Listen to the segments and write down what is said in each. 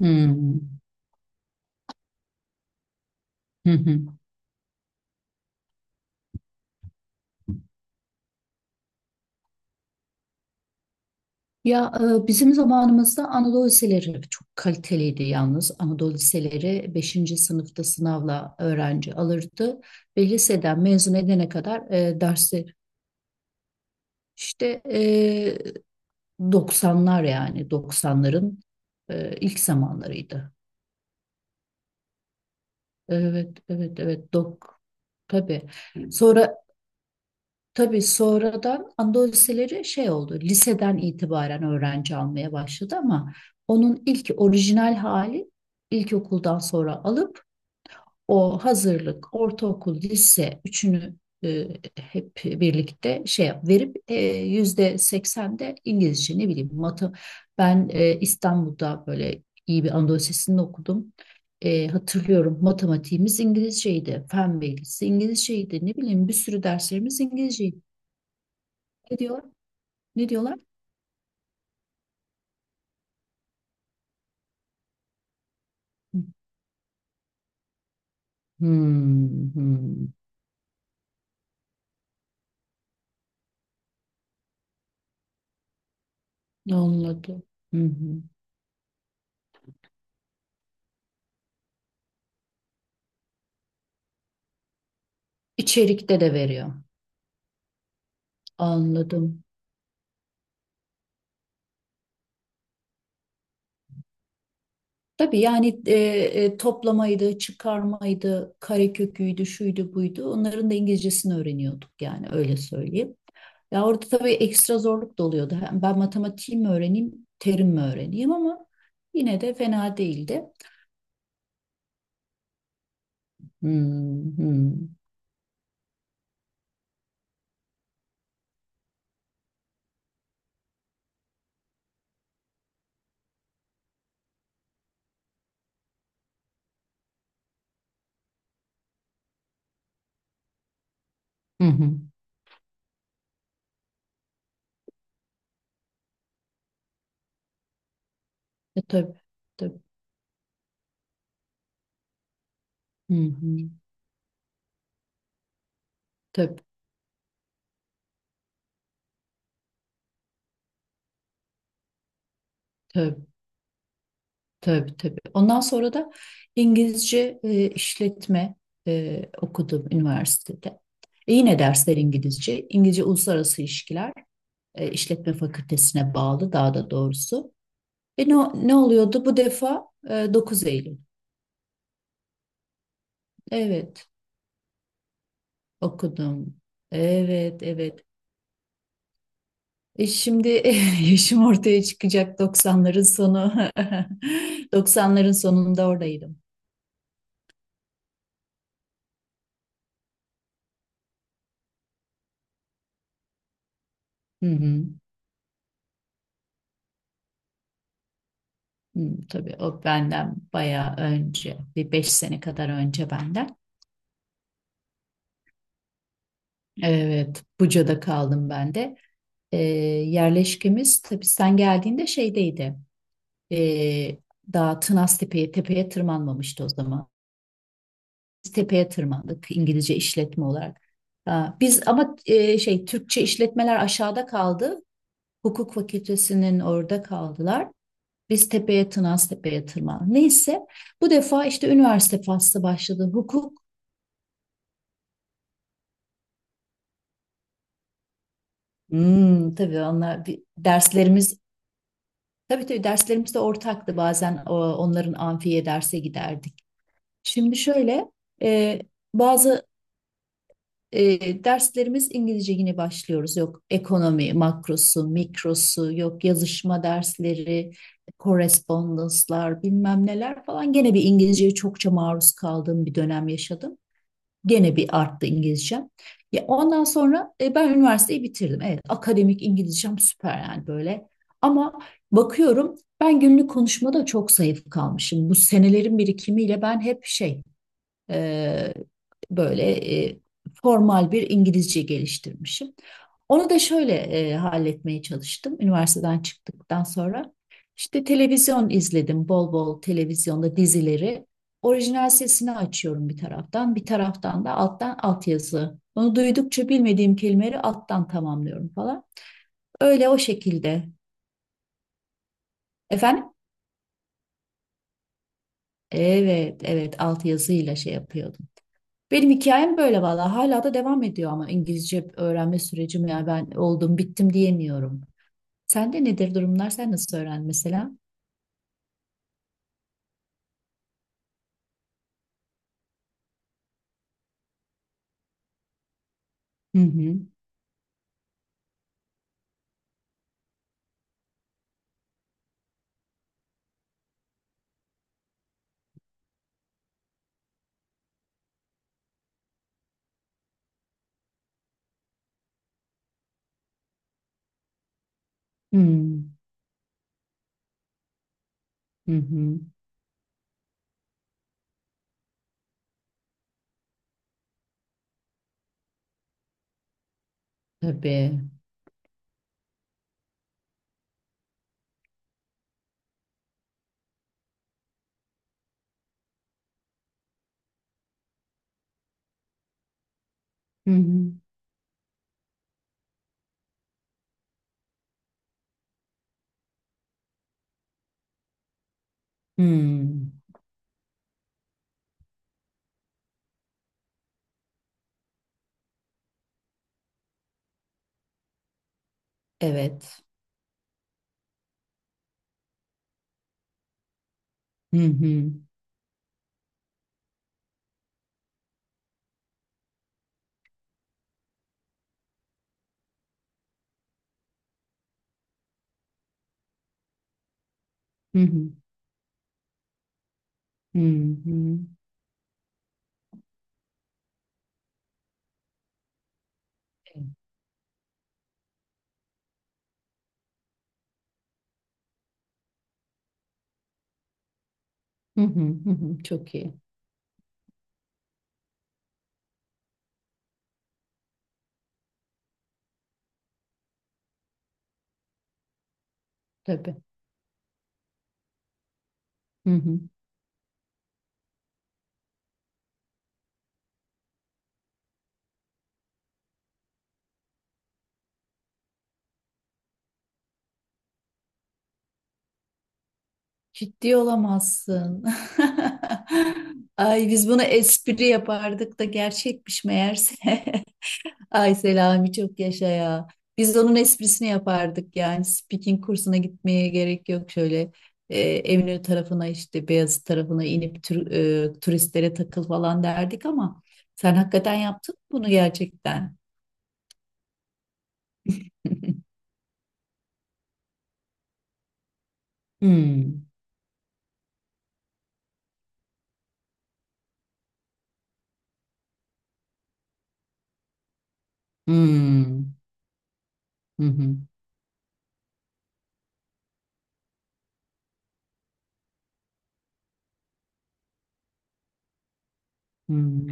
Hmm. Hı hı. Ya bizim zamanımızda Anadolu liseleri çok kaliteliydi yalnız. Anadolu liseleri beşinci sınıfta sınavla öğrenci alırdı ve liseden mezun edene kadar dersler işte, 90'lar, yani doksanların ilk zamanlarıydı. Evet, evet, evet. Tabii. Sonra Tabii, sonradan Andoseleri şey oldu. Liseden itibaren öğrenci almaya başladı, ama onun ilk orijinal hali ilkokuldan sonra alıp o hazırlık, ortaokul, lise üçünü e, hep birlikte verip %80'de İngilizce, ne bileyim matı. Ben İstanbul'da böyle iyi bir Anadolu Lisesi'nde okudum. Hatırlıyorum, matematiğimiz İngilizceydi, fen bilgisi İngilizceydi, ne bileyim bir sürü derslerimiz İngilizceydi. Ne diyor? Ne diyorlar? Hmm, hmm. Anladım. Hı hı. İçerikte de veriyor. Anladım. Tabii yani, toplamaydı, çıkarmaydı, kareköküydü, şuydu, buydu. Onların da İngilizcesini öğreniyorduk, yani öyle söyleyeyim. Ya orada tabii ekstra zorluk da oluyordu. Hem ben matematiği mi öğreneyim, terim mi öğreneyim, ama yine de fena değildi. Hmm, hmm. Hı hı. Tabii, tabii. Hı hı. Tabii, tabii. Tabii, tabii. Ondan sonra da İngilizce işletme okudum üniversitede. Yine dersler İngilizce. İngilizce Uluslararası İlişkiler, İşletme Fakültesine bağlı daha da doğrusu. E, ne, ne oluyordu? Bu defa 9 Eylül. Evet, okudum. Evet, evet. Şimdi yaşım ortaya çıkacak, doksanların sonu. Doksanların sonunda oradaydım. Hı hı. Hmm, tabii o benden bayağı önce, bir 5 sene kadar önce benden. Evet, Buca'da kaldım ben de. Yerleşkemiz, tabii sen geldiğinde, şeydeydi. Ee, Daha Tınaz Tepe'ye, tepeye tırmanmamıştı o zaman. Biz tepeye tırmandık İngilizce işletme olarak. Ha, biz ama şey, Türkçe işletmeler aşağıda kaldı. Hukuk fakültesinin orada kaldılar. Biz tepeye, Tınaz Tepe'ye tırmandık. Neyse, bu defa işte üniversite faslı başladı. Hmm, tabii onlar derslerimiz, tabii tabii, derslerimiz de ortaktı, bazen onların amfiye derse giderdik. Şimdi şöyle, e, bazı derslerimiz İngilizce, yine başlıyoruz. Yok ekonomi makrosu, mikrosu, yok yazışma dersleri, correspondence'lar, bilmem neler falan. Gene bir İngilizceye çokça maruz kaldığım bir dönem yaşadım. Gene bir arttı İngilizcem. Ya ondan sonra ben üniversiteyi bitirdim. Evet, akademik İngilizcem süper, yani böyle. Ama bakıyorum, ben günlük konuşmada çok zayıf kalmışım. Bu senelerin birikimiyle ben hep şey, e, böyle, e, formal bir İngilizce geliştirmişim. Onu da şöyle halletmeye çalıştım üniversiteden çıktıktan sonra. İşte televizyon izledim, bol bol televizyonda dizileri. Orijinal sesini açıyorum bir taraftan, bir taraftan da alttan altyazı. Onu duydukça bilmediğim kelimeleri alttan tamamlıyorum falan. Öyle, o şekilde. Efendim? Evet, evet, altyazıyla şey yapıyordum. Benim hikayem böyle valla. Hala da devam ediyor ama İngilizce öğrenme sürecim, ya ben oldum bittim diyemiyorum. Sende nedir durumlar? Sen nasıl öğrendin mesela? Hı hı. Hı hı. Hı. Tabii. Hı hı. Hı. Evet. Hı hı. Hı hı. Hı hı. Hı hı. Hı hı. Çok iyi. Tabii. Hı hı. Ciddi olamazsın. Ay, biz bunu espri yapardık da gerçekmiş meğerse. Ay Selami, çok yaşa ya. Biz onun esprisini yapardık, yani speaking kursuna gitmeye gerek yok, şöyle Eminönü tarafına, işte Beyazıt tarafına inip turistlere takıl falan derdik, ama sen hakikaten yaptın mı bunu gerçekten? Hmm, hmm, hı hı, hmm.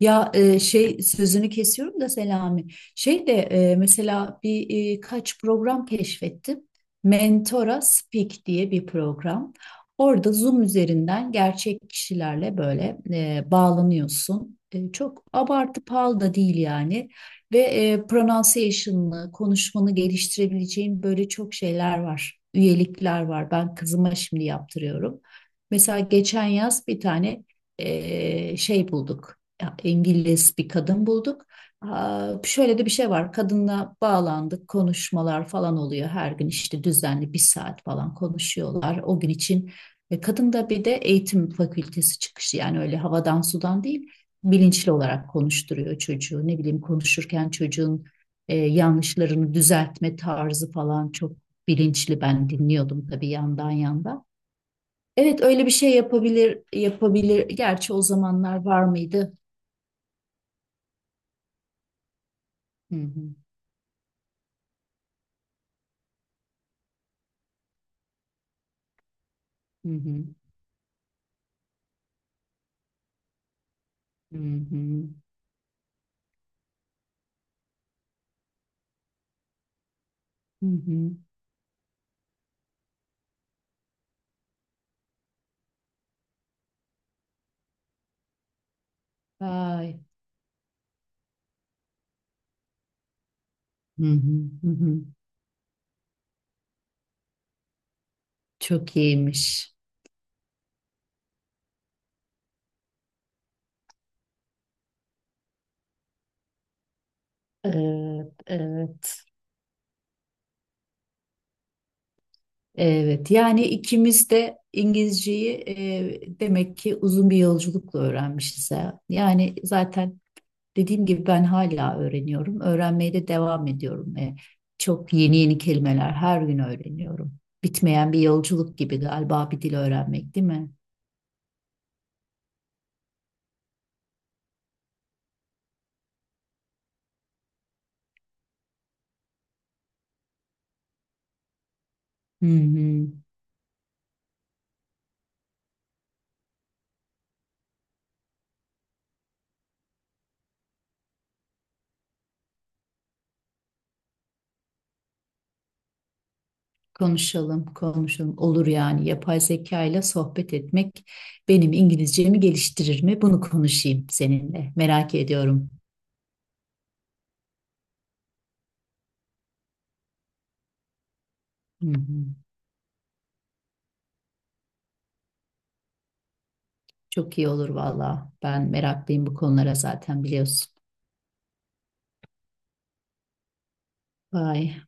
Ya şey, sözünü kesiyorum da Selami. Şey de, mesela bir kaç program keşfettim. Mentora Speak diye bir program. Orada Zoom üzerinden gerçek kişilerle böyle bağlanıyorsun. Çok abartı pahalı da değil yani. Ve pronunciation'ını, konuşmanı geliştirebileceğin böyle çok şeyler var. Üyelikler var. Ben kızıma şimdi yaptırıyorum. Mesela geçen yaz bir tane şey bulduk. İngiliz bir kadın bulduk. Şöyle de bir şey var. Kadınla bağlandık, konuşmalar falan oluyor. Her gün işte düzenli bir saat falan konuşuyorlar o gün için. Ve kadın da bir de eğitim fakültesi çıkışı, yani öyle havadan sudan değil, bilinçli olarak konuşturuyor çocuğu. Ne bileyim, konuşurken çocuğun yanlışlarını düzeltme tarzı falan çok bilinçli. Ben dinliyordum tabii, yandan yandan. Evet, öyle bir şey yapabilir yapabilir. Gerçi o zamanlar var mıydı? Hı hı. Hı hı. Hı hı. Hı hı. Vay. Hı hı. Hı hı. Çok iyiymiş. Evet, evet, evet. Yani ikimiz de İngilizceyi, demek ki uzun bir yolculukla öğrenmişiz, ha. Yani zaten, dediğim gibi, ben hala öğreniyorum. Öğrenmeye de devam ediyorum. Çok yeni yeni kelimeler her gün öğreniyorum. Bitmeyen bir yolculuk gibi galiba bir dil öğrenmek, değil mi? Hı hı. Konuşalım, konuşalım. Olur yani. Yapay zeka ile sohbet etmek benim İngilizcemi geliştirir mi? Bunu konuşayım seninle. Merak ediyorum. Hı hı. Çok iyi olur valla. Ben meraklıyım bu konulara, zaten biliyorsun. Vay.